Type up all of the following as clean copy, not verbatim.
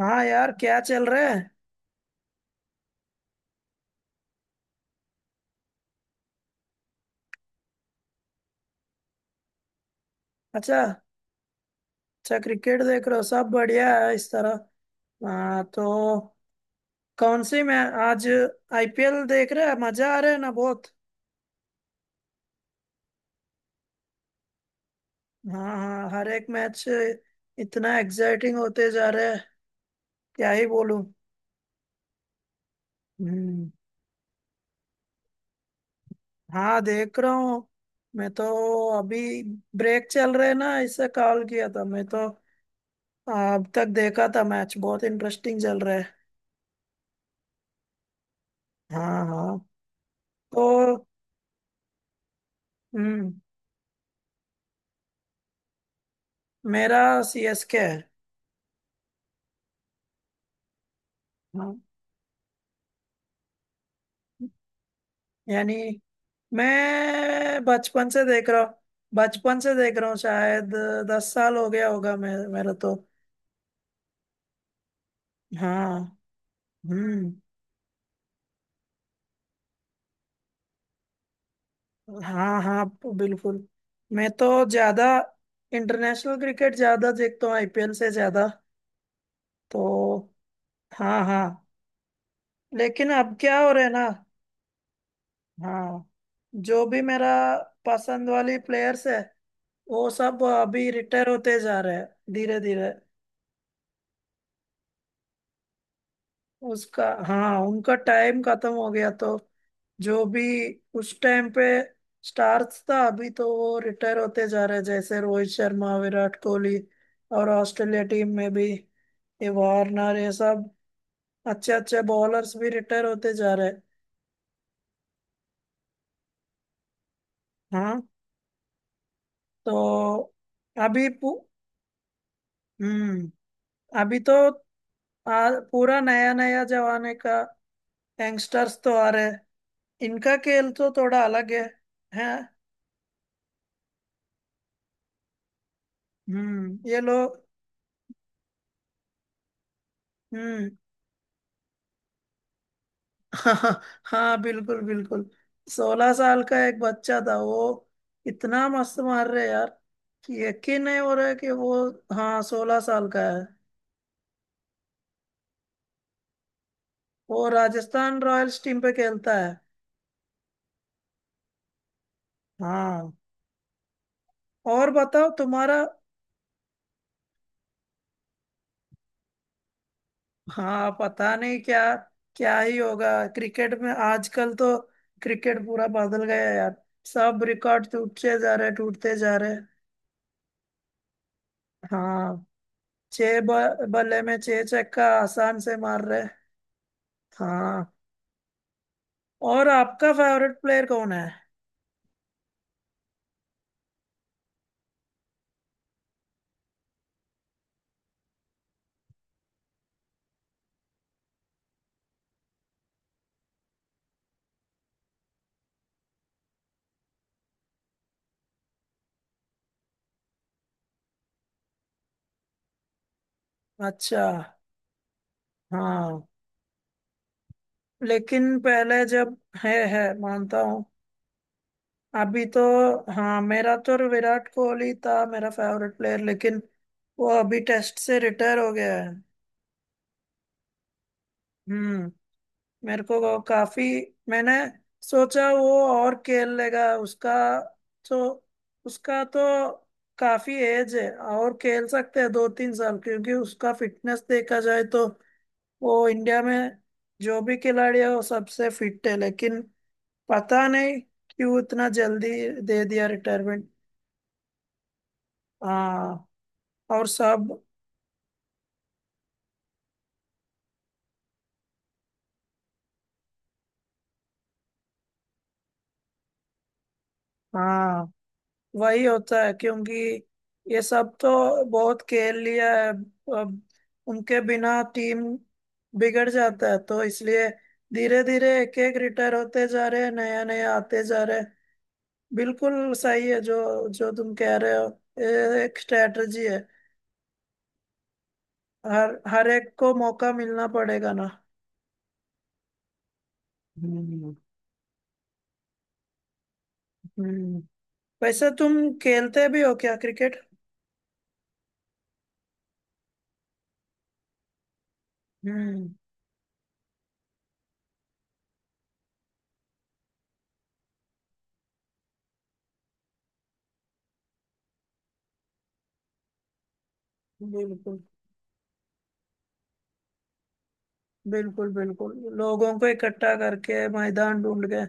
हाँ यार, क्या चल रहा है। अच्छा। अच्छा, क्रिकेट देख रहे हो। सब बढ़िया है इस तरह। हाँ तो कौन सी मैं आज आईपीएल देख रहे हैं, मजा आ रहा है ना बहुत। हाँ हाँ, हर एक मैच इतना एक्साइटिंग होते जा रहे हैं, क्या ही बोलूं। हम्म। हाँ देख रहा हूँ। मैं तो अभी ब्रेक चल रहे ना, इससे कॉल किया था। मैं तो अब तक देखा था, मैच बहुत इंटरेस्टिंग चल रहा है। हाँ हाँ। तो हम्म। मेरा सीएसके है। हाँ, यानी मैं बचपन से देख रहा हूँ। बचपन से देख रहा हूँ शायद, 10 साल हो गया होगा मैं मेरा तो हाँ। हम्म। हाँ हाँ, बिल्कुल। मैं तो ज्यादा इंटरनेशनल क्रिकेट ज्यादा देखता हूँ आईपीएल से ज्यादा तो। हाँ हाँ। लेकिन अब क्या हो रहा है ना। हाँ, जो भी मेरा पसंद वाली प्लेयर्स है वो सब अभी रिटायर होते जा रहे हैं धीरे धीरे। उसका हाँ, उनका टाइम खत्म हो गया तो। जो भी उस टाइम पे स्टार्स था, अभी तो वो रिटायर होते जा रहे हैं, जैसे रोहित शर्मा, विराट कोहली। और ऑस्ट्रेलिया टीम में भी, ये वार्नर, ये सब अच्छे अच्छे बॉलर्स भी रिटायर होते जा रहे हैं। हाँ तो अभी पू- हम्म, अभी तो पूरा नया नया जमाने का यंगस्टर्स तो आ रहे हैं। इनका खेल तो थोड़ा अलग है। हैं। हम्म, ये लोग। हम्म। हाँ हाँ, बिल्कुल बिल्कुल। 16 साल का एक बच्चा था वो, इतना मस्त मार रहे यार, कि यकीन नहीं हो रहा है कि वो। हाँ, 16 साल का है। वो राजस्थान रॉयल्स टीम पे खेलता है। हाँ। और बताओ तुम्हारा। हाँ, पता नहीं क्या क्या ही होगा। क्रिकेट में आजकल तो, क्रिकेट पूरा बदल गया है यार, सब रिकॉर्ड टूटते जा रहे, टूटते जा रहे। हाँ, बल्ले में छह छक्का आसान से मार रहे। हाँ। और आपका फेवरेट प्लेयर कौन है। अच्छा। हाँ, लेकिन पहले जब, है मानता हूँ, अभी तो हाँ, मेरा तो विराट कोहली था मेरा फेवरेट प्लेयर, लेकिन वो अभी टेस्ट से रिटायर हो गया है। हम्म। मेरे को वो काफी, मैंने सोचा वो और खेल लेगा। तो उसका तो काफी एज है और खेल सकते हैं 2-3 साल, क्योंकि उसका फिटनेस देखा जाए तो। वो इंडिया में जो भी खिलाड़ी है वो सबसे फिट है, लेकिन पता नहीं क्यों इतना जल्दी दे दिया रिटायरमेंट। हाँ। और सब, हाँ वही होता है, क्योंकि ये सब तो बहुत खेल लिया है। अब उनके बिना टीम बिगड़ जाता है तो इसलिए धीरे धीरे एक एक रिटायर होते जा रहे हैं, नया नया आते जा रहे हैं। बिल्कुल सही है जो जो तुम कह रहे हो। ये एक स्ट्रेटजी है, हर हर एक को मौका मिलना पड़ेगा ना। हम्म हम्म। वैसे तुम खेलते भी हो क्या क्रिकेट। हम्म। बिल्कुल बिल्कुल बिल्कुल, लोगों को इकट्ठा करके मैदान ढूंढ के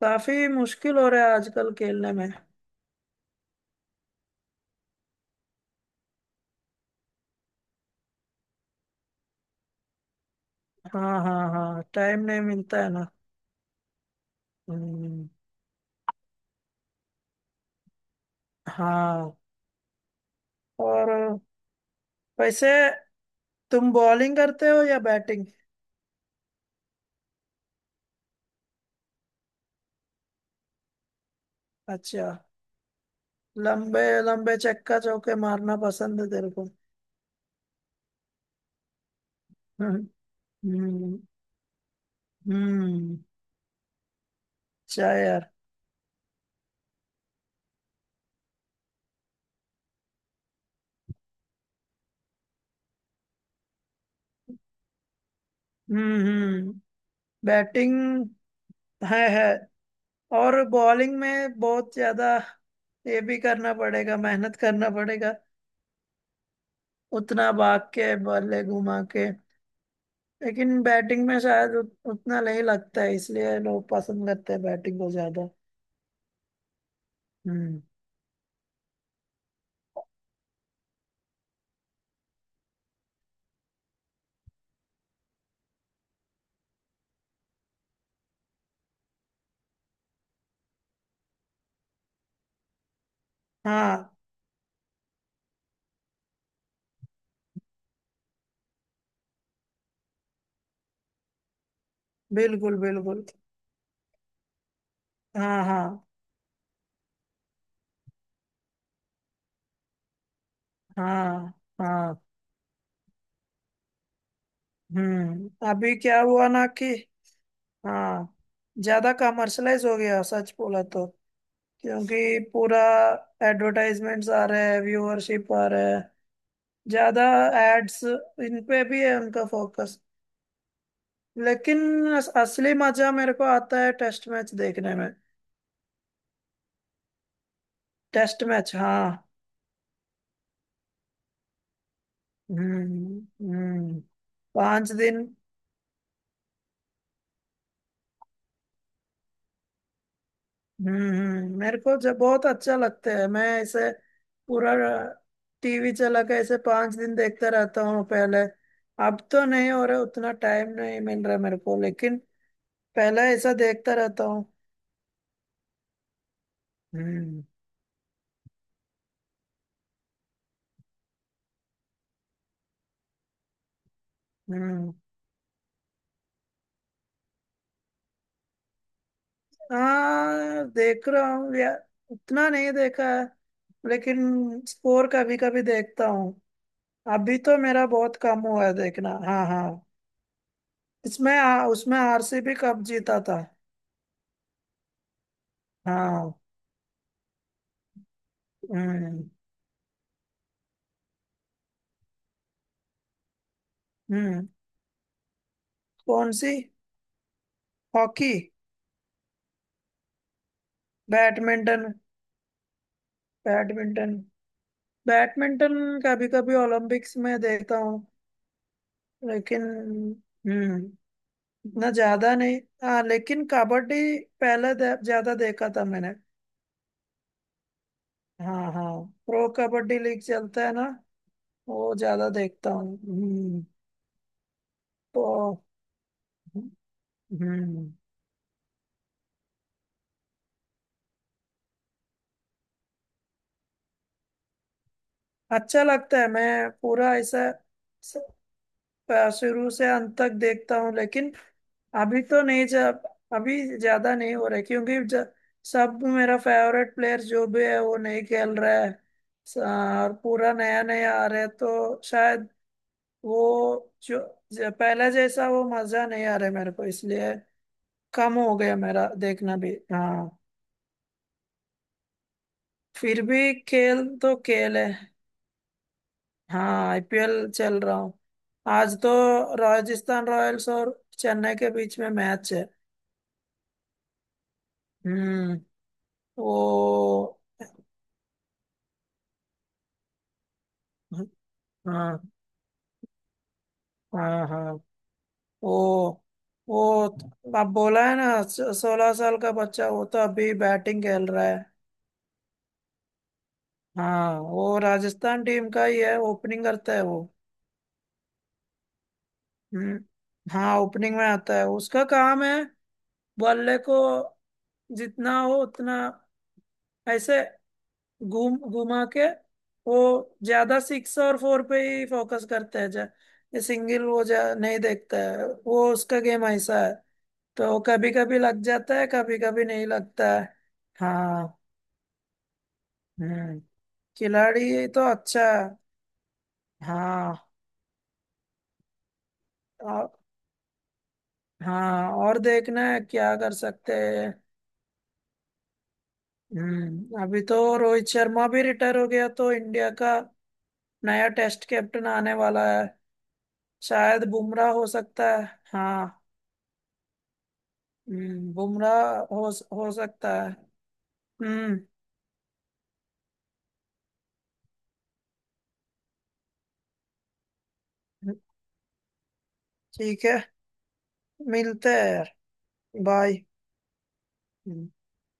काफी मुश्किल हो रहा है आजकल खेलने में। हाँ हाँ हाँ, टाइम नहीं मिलता है ना। हम्म। हाँ। और वैसे तुम बॉलिंग करते हो या बैटिंग। अच्छा, लंबे लंबे चक्का चौके मारना पसंद है तेरे को। हम्म हम्म हम्म। शायर। हम्म। बैटिंग। है है। और बॉलिंग में बहुत ज्यादा ये भी करना पड़ेगा, मेहनत करना पड़ेगा, उतना भाग के बल्ले घुमा के। लेकिन बैटिंग में शायद उतना नहीं लगता है, इसलिए लोग पसंद करते हैं बैटिंग को ज्यादा। हम्म। हाँ, बिल्कुल बिल्कुल। हाँ हाँ हाँ हाँ। हम्म। अभी क्या हुआ ना कि, हाँ, ज्यादा कमर्शलाइज हो गया सच बोला तो। क्योंकि पूरा एडवर्टाइजमेंट्स आ रहा है, व्यूअरशिप आ रहा है, ज्यादा एड्स, इन पे भी है उनका फोकस। लेकिन असली मजा मेरे को आता है टेस्ट मैच देखने में। टेस्ट मैच हाँ। हम्म हम्म। 5 दिन। मेरे को जब बहुत अच्छा लगता है मैं ऐसे पूरा टीवी चला के ऐसे 5 दिन देखता रहता हूँ पहले। अब तो नहीं हो रहा, उतना टाइम नहीं मिल रहा मेरे को, लेकिन पहले ऐसा देखता रहता हूँ। हम्म। हम्म। हाँ देख रहा हूँ यार, उतना नहीं देखा है, लेकिन स्कोर कभी कभी देखता हूँ। अभी तो मेरा बहुत कम हुआ है देखना। हाँ हाँ। इसमें उसमें आरसीबी कप जीता था। हाँ। हम्म हम्म। कौन सी? हॉकी? बैडमिंटन? बैडमिंटन, बैडमिंटन कभी कभी ओलंपिक्स में देखता हूँ लेकिन। हम्म, इतना ज्यादा नहीं। हाँ, लेकिन कबड्डी पहले ज्यादा देखा था मैंने। हाँ हाँ। प्रो कबड्डी लीग चलता है ना, वो ज्यादा देखता हूँ। हम्म। तो हम्म, अच्छा लगता है, मैं पूरा ऐसा स- शुरू से अंत तक देखता हूँ, लेकिन अभी तो नहीं, जब अभी ज्यादा नहीं हो रहा है, क्योंकि सब मेरा फेवरेट प्लेयर जो भी है वो नहीं खेल रहा है। और पूरा नया नया आ रहा है तो शायद वो जो, जो पहले जैसा वो मजा नहीं आ रहा है मेरे को, इसलिए कम हो गया मेरा देखना भी। हाँ। फिर भी खेल तो खेल है। हाँ आईपीएल चल रहा हूँ, आज तो राजस्थान रॉयल्स और चेन्नई के बीच में मैच है। हम्म। वो, हाँ हाँ हाँ, वो वो आप बोला है ना, 16 साल का बच्चा, वो तो अभी बैटिंग खेल रहा है। हाँ, वो राजस्थान टीम का ही है, ओपनिंग करता है वो। हम्म। हाँ, ओपनिंग में आता है, उसका काम है बल्ले को जितना हो उतना ऐसे घूम घुमा के। वो ज्यादा सिक्स और फोर पे ही फोकस करते हैं जा, ये सिंगल वो जा नहीं देखता है, वो उसका गेम ऐसा है, तो कभी कभी लग जाता है, कभी कभी नहीं लगता है। हाँ। हम्म। खिलाड़ी तो अच्छा है। हाँ और- हाँ, और देखना है क्या कर सकते हैं। हम्म। अभी तो रोहित शर्मा भी रिटायर हो गया तो इंडिया का नया टेस्ट कैप्टन आने वाला है, शायद बुमराह हो सकता है। हाँ। हम्म, बुमराह हो हो सकता है। हम्म। ठीक है, मिलते हैं यार। बाय।